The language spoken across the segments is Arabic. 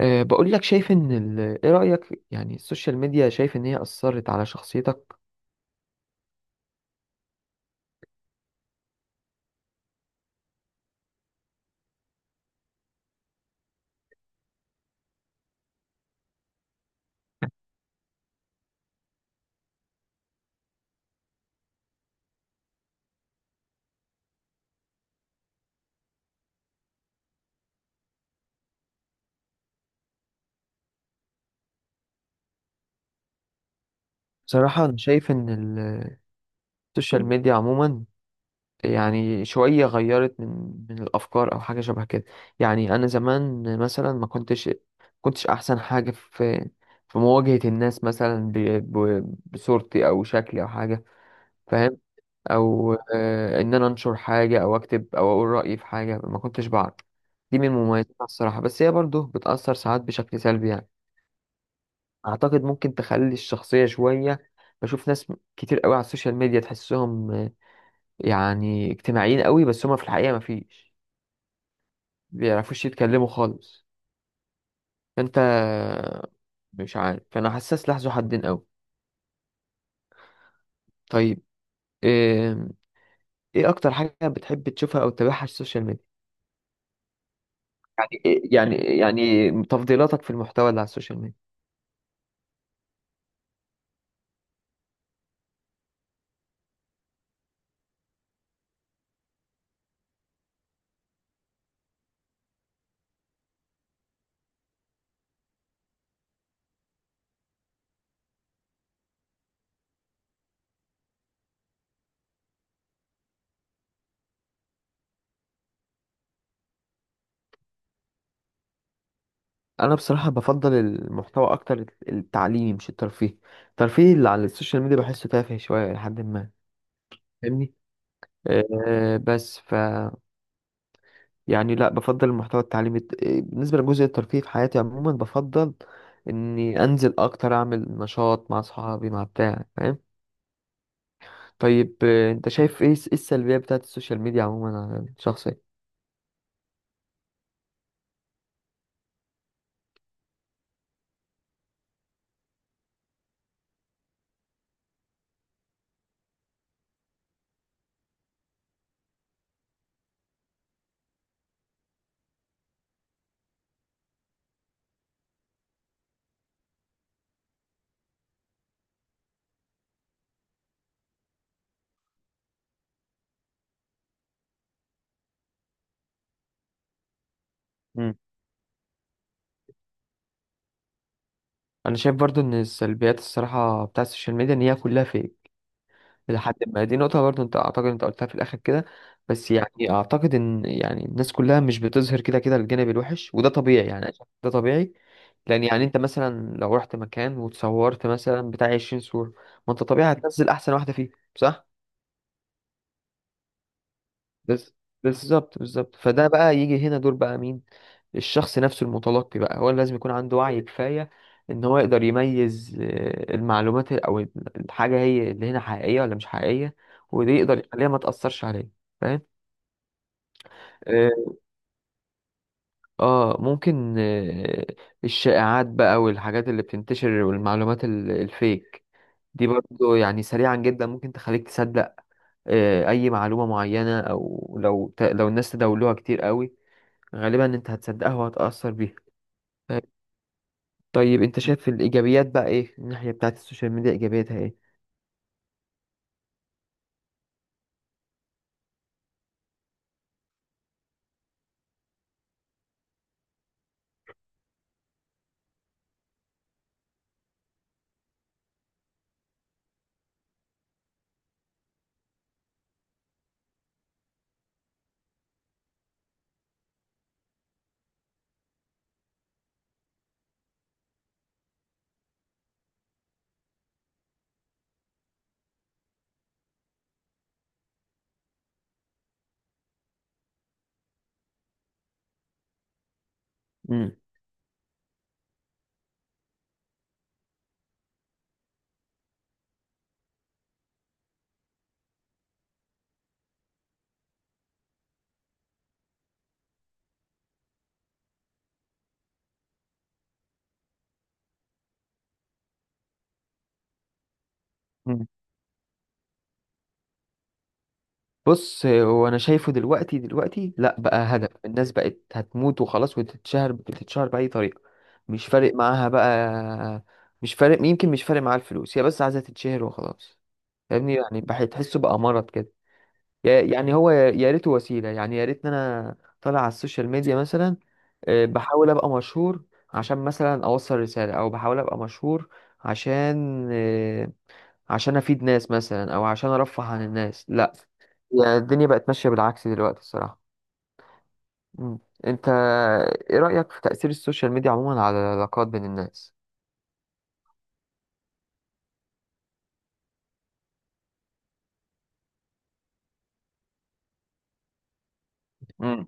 بقول لك، شايف ان ايه رأيك؟ يعني السوشيال ميديا شايف ان هي أثرت على شخصيتك؟ بصراحة انا شايف ان السوشيال ميديا عموما يعني شوية غيرت من الأفكار أو حاجة شبه كده. يعني أنا زمان مثلا ما كنتش أحسن حاجة في مواجهة الناس، مثلا بصورتي أو شكلي أو حاجة. فاهم؟ أو إن أنا أنشر حاجة أو أكتب أو أقول رأيي في حاجة، ما كنتش بعرف. دي من مميزاتها الصراحة، بس هي برضه بتأثر ساعات بشكل سلبي يعني. اعتقد ممكن تخلي الشخصيه شويه، بشوف ناس كتير قوي على السوشيال ميديا تحسهم يعني اجتماعيين قوي، بس هما في الحقيقه ما فيش بيعرفوش يتكلموا خالص. فانت مش عارف، فانا حاسس لحظه حدين قوي. طيب، آم، ايه اكتر حاجه بتحب تشوفها او تتابعها على السوشيال ميديا؟ يعني يعني تفضيلاتك في المحتوى اللي على السوشيال ميديا؟ انا بصراحه بفضل المحتوى اكتر التعليمي مش الترفيهي. الترفيه اللي على السوشيال ميديا بحسه تافه شويه لحد ما، فاهمني؟ بس ف يعني لا، بفضل المحتوى التعليمي، بالنسبة لجزء الترفيه في حياتي عموما بفضل اني انزل اكتر، اعمل نشاط مع اصحابي مع بتاع. فاهم؟ طيب، انت شايف ايه إيه السلبيات بتاعت السوشيال ميديا عموما على الشخص؟ مم. انا شايف برضو ان السلبيات الصراحة بتاعت السوشيال ميديا، ان هي كلها فيك لحد ما. دي نقطة برضو انت اعتقد انت قلتها في الاخر كده. بس يعني اعتقد ان يعني الناس كلها مش بتظهر كده كده الجانب الوحش، وده طبيعي، يعني أنا شايف ده طبيعي. لان يعني انت مثلا لو رحت مكان وتصورت مثلا بتاع 20 صورة، ما انت طبيعي هتنزل احسن واحدة فيهم، صح؟ بس بالظبط بالظبط، فده بقى يجي هنا دور بقى مين؟ الشخص نفسه المتلقي بقى، هو اللي لازم يكون عنده وعي كفاية ان هو يقدر يميز المعلومات او الحاجة هي اللي هنا حقيقية ولا مش حقيقية، ودي يقدر يخليها ما تأثرش عليه. فاهم؟ اه، ممكن، الشائعات بقى والحاجات اللي بتنتشر والمعلومات الفيك دي برضو، يعني سريعا جدا ممكن تخليك تصدق اي معلومة معينة، او لو الناس تداولوها كتير قوي غالبا انت هتصدقها وهتأثر بيها. طيب، انت شايف الايجابيات بقى، ايه الناحيه بتاعت السوشيال ميديا؟ ايجابياتها ايه؟ امم. مم. بص، هو انا شايفه دلوقتي، لا بقى هدف. الناس بقت هتموت وخلاص وتتشهر، بتتشهر باي طريقه. مش فارق معاها بقى. مش فارق، يمكن مش فارق معاها الفلوس، هي بس عايزه تتشهر وخلاص. فاهمني؟ يعني بحس تحسه بقى مرض كده. يعني هو يا ريته وسيلة، يعني يا ريت ان انا طالع على السوشيال ميديا مثلا، بحاول ابقى مشهور عشان مثلا اوصل رسالة، او بحاول ابقى مشهور عشان عشان افيد ناس مثلا، او عشان ارفه عن الناس، لا. يعني الدنيا بقت ماشية بالعكس دلوقتي الصراحة. مم. انت ايه رأيك في تأثير السوشيال ميديا عموما على العلاقات بين الناس؟ مم.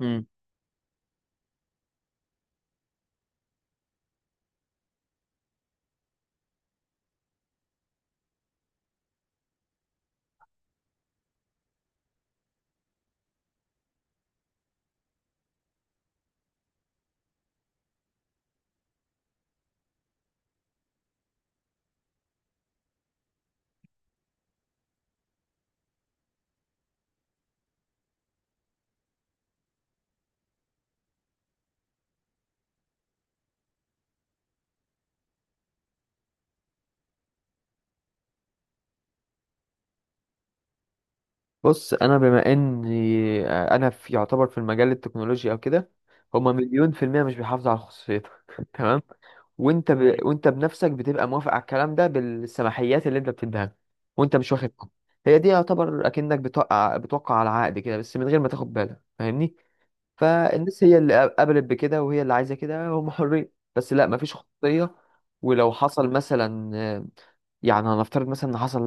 مم. بص، انا بما اني آه، انا في يعتبر في المجال التكنولوجي او كده، هما مليون في المية مش بيحافظوا على خصوصيتك تمام؟ وانت بنفسك بتبقى موافق على الكلام ده بالسماحيات اللي انت بتديها له، وانت مش واخد بالك. هي دي يعتبر اكنك بتوقع على عقد كده، بس من غير ما تاخد بالك. فاهمني؟ فالناس هي اللي قبلت بكده، وهي اللي عايزة كده، هم حرين. بس لا، مفيش خصوصية. ولو حصل مثلا، يعني هنفترض مثلا ان حصل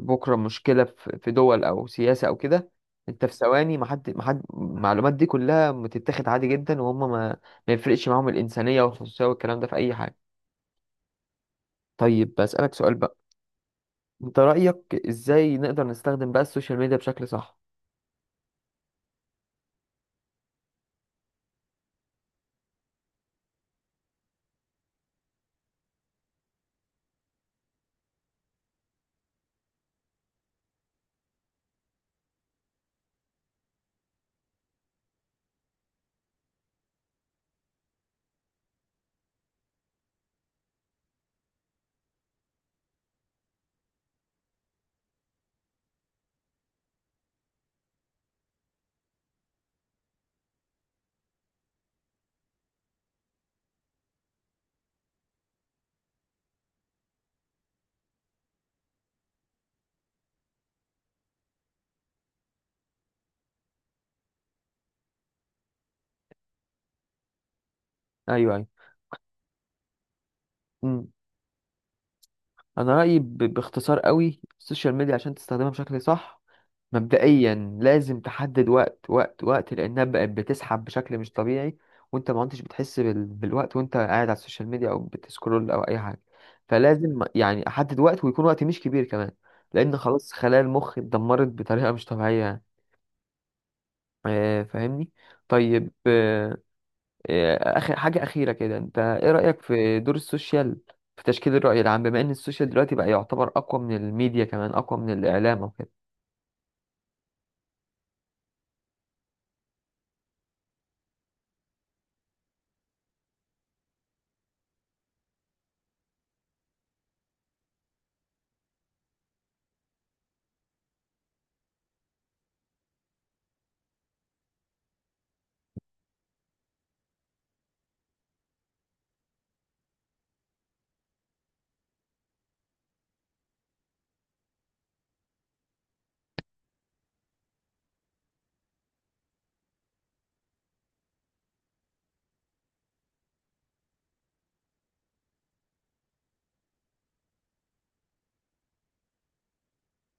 بكره مشكله في دول او سياسه او كده، انت في ثواني، ما حد، المعلومات دي كلها بتتاخد عادي جدا، وهم ما يفرقش معاهم الانسانيه والخصوصيه والكلام ده في اي حاجه. طيب، بسالك سؤال بقى، انت رايك ازاي نقدر نستخدم بقى السوشيال ميديا بشكل صح؟ ايوه، ايوه. انا رايي، باختصار قوي، السوشيال ميديا عشان تستخدمها بشكل صح مبدئيا لازم تحدد وقت، وقت، وقت، لانها بقت بتسحب بشكل مش طبيعي، وانت ما عدتش بتحس بالوقت وانت قاعد على السوشيال ميديا او بتسكرول او اي حاجه. فلازم يعني احدد وقت، ويكون وقت مش كبير كمان، لان خلاص خلايا المخ اتدمرت بطريقه مش طبيعيه يعني. فاهمني؟ طيب، آه، إيه، آخر حاجة أخيرة كده، أنت إيه رأيك في دور السوشيال في تشكيل الرأي العام، بما إن السوشيال دلوقتي بقى يعتبر أقوى من الميديا، كمان أقوى من الإعلام وكده؟